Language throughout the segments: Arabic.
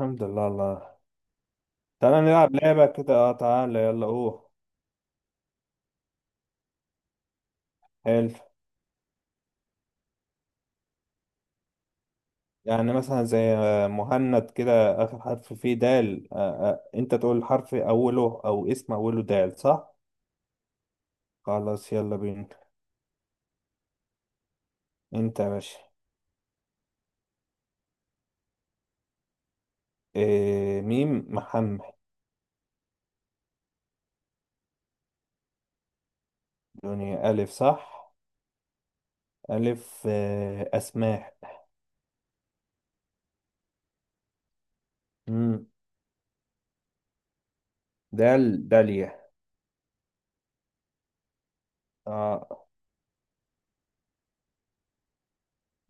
الحمد لله. الله، تعالى نلعب لعبة كده. اه تعالى، يلا. حلو. يعني مثلا زي مهند كده، آخر حرف فيه دال. آه. أنت تقول حرف أوله أو اسم أوله دال، صح؟ خلاص، يلا بينا. أنت يا باشا. ميم، محمد. دنيا، ألف صح؟ ألف. أسماء. مم. دال، داليا. اه.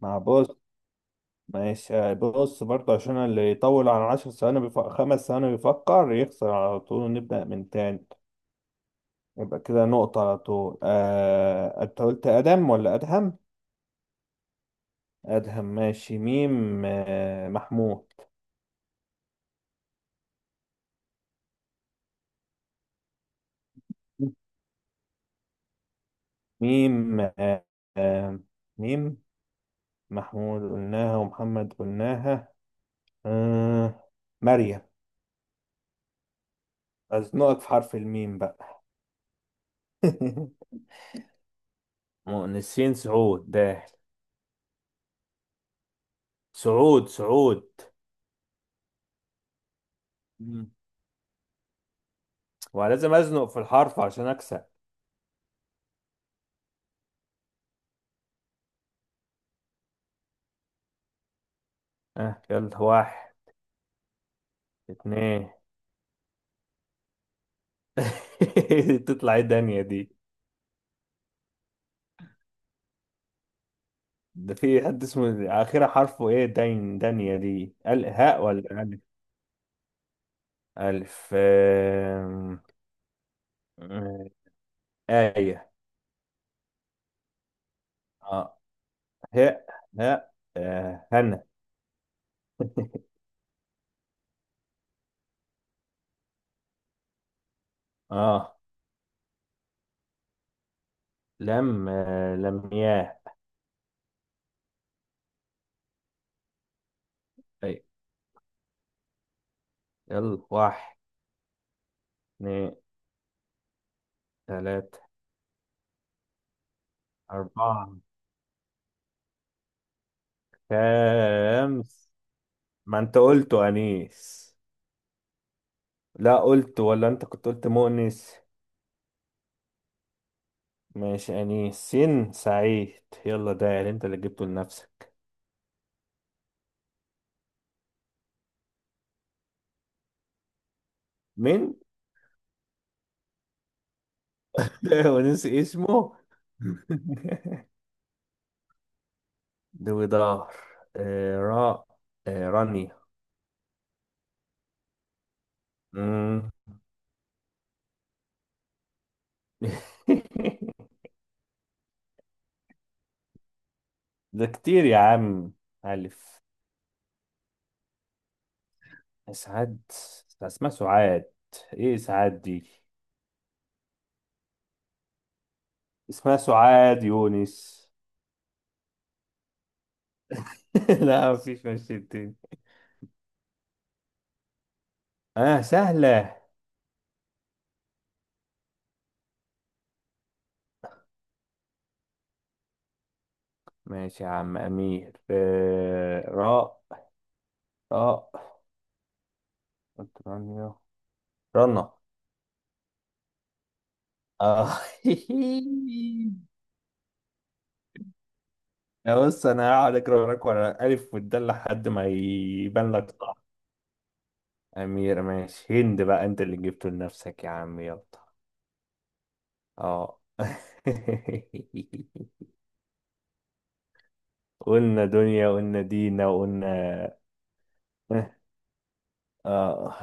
مع بص. ماشي، بص برضه عشان اللي يطول عن 10 ثواني بيفكر، 5 ثواني بيفكر، يخسر على طول ونبدأ من تاني. يبقى كده نقطة على طول. انت قلت ادم ولا ادهم؟ ادهم، ماشي. ميم، محمود. ميم آه، ميم. محمود قلناها ومحمد قلناها. آه، مريم. أزنقك في حرف الميم بقى. مؤنسين، سعود داخل. سعود، سعود. مم. ولازم أزنق في الحرف عشان أكسب. يلا. واحد، اتنين. تطلع ايه دنيا دي؟ ده في حد اسمه آخرها حرفه إيه؟ داين، دانيا دي، ال هاء ولا ألف؟ ألف. آم، آم، آية. آه هاء. هاء، هنا. آه لم آه لمياه. طيب، يلا. واحد، اتنين، تلاتة، أربعة، خمس. ما أنت قلت أنيس. لا قلت، ولا أنت كنت قلت مؤنس. ماشي، أنيس، سين، سعيد. يلا، ده أنت اللي جبته لنفسك. من؟ هو نسي اسمه. دوي دار. راء. رانيا. مم. ده كتير يا عم. ألف. سعاد. اسمها سعاد؟ ايه سعاد دي؟ اسمها سعاد يونس. لا، مفيش مشي تاني. اه، سهلة. ماشي يا عم، أمير. راء. راء، رانيا، رنا. اه. يا، بص، انا هقعد اقرا وراك ورا الف والدال لحد ما يبان لك، صح. امير، ماشي. هند بقى، انت اللي جبته لنفسك يا عم. يلا. اه. قلنا دنيا، قلنا دينا، وقلنا. اه.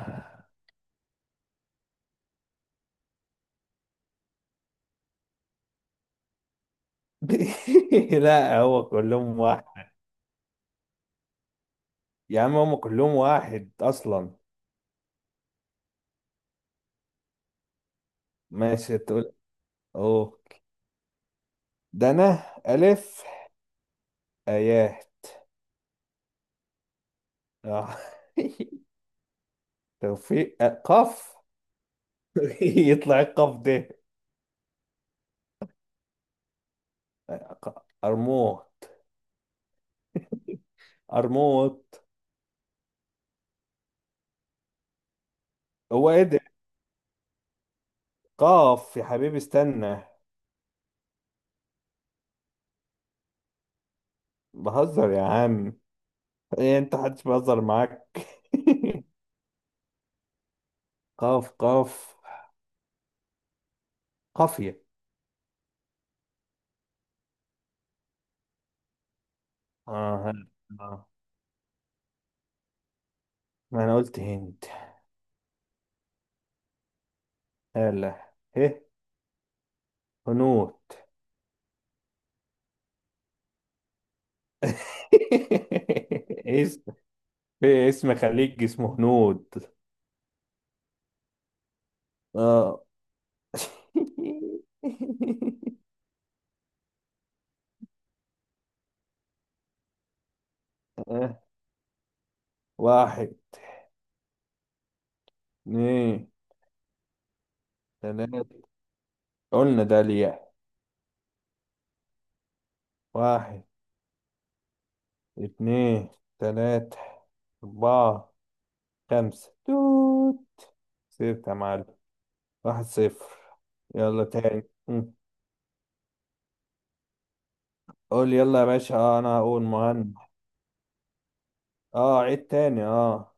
لا، هو كلهم واحد. يا عم، هم كلهم واحد اصلا. ماشي، تقول. اوه ده انا. الف. اياه. اه، توفيق. قاف. يطلع القاف ده. أرموت، أرموت. هو إيه ده؟ قاف يا حبيبي، استنى. بهزر يا عم. إيه، أنت محدش بيهزر معاك. قاف، قاف. قافية. هلا. آه ما أنا قلت هند. هلا، إيه، هنود. اسم. في اسم خليج اسمه هنود. آه. آه. واحد، اتنين، تلاتة. قلنا ده ليه. واحد، اتنين، تلاتة، أربعة، خمسة، توت. صفر يا معلم. 1-0. يلا تاني. مم. قول يلا يا باشا. اه، أنا هقول مهند. اه، عيد تاني. اه.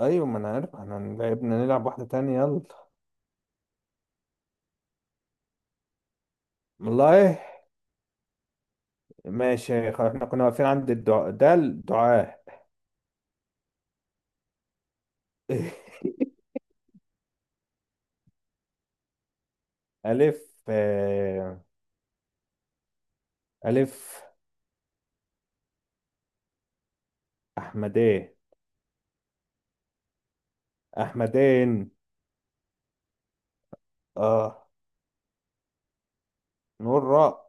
أيوة، ما أنا عارف احنا لعبنا. نلعب واحدة تانية، يلا. والله. ماشي، خلاص. احنا كنا واقفين عند الدعاء. ده الدعاء. ألف. آه. ألف. أحمدين. أحمدين. اه، نقول راء.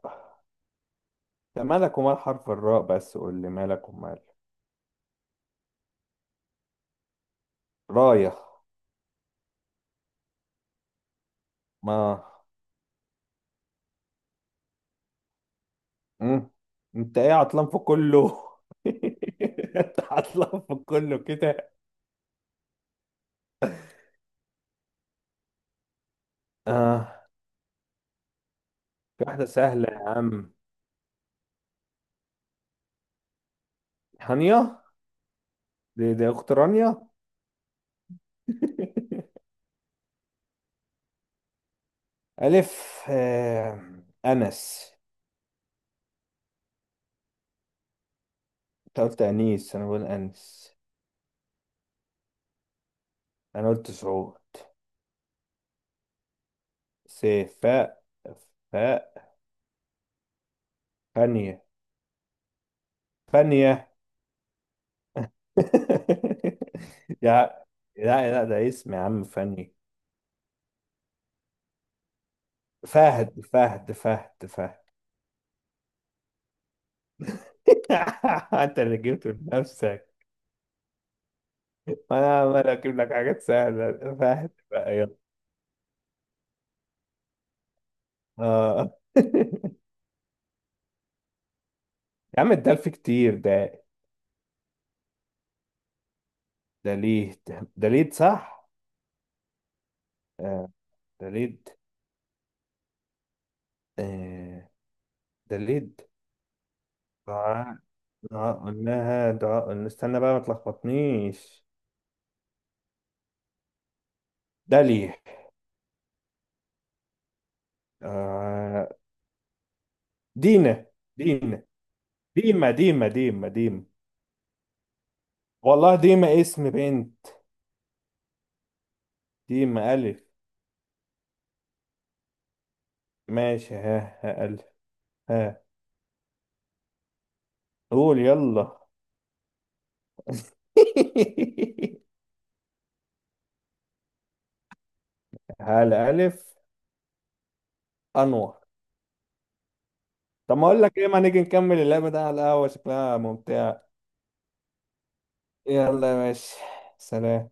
ده مالك ومال حرف الراء؟ بس قول لي، مالك ومال. راية. ما. مم. انت ايه، عطلان في كله. انت عطلان في كله كده. اه، في واحدة سهلة يا عم. هانية. دي اخت رانيا. الف. آه. انس. انت قلت انيس، انا بقول انس. انا قلت سعود. سيف، فاء. فاء، فانية. فانية. يا. لا، لا، ده اسم يا عم. فاني، فهد، فهد، فهد، فهد. انت اللي جبته لنفسك انا عمال اجيب لك حاجات سهله، فاهم؟ بقى يلا. اه. يا عم، الدلف كتير ده. دليد. دليد صح. آه، دليد. آه، دليد. دعاء. دعاء قلناها. دعاء، استنى بقى، ما تلخبطنيش. دلي. آه، دينا. دينا، ديما، ديما، ديما، ديما. والله ديما اسم بنت. ديما، ألف. ماشي، ها، ها، ألف. ها، قول يلا. على ألف. أنور. طب، ما أقول لك إيه، ما نيجي نكمل اللعبة ده على القهوة، شكلها ممتع. يلا يا باشا. سلام.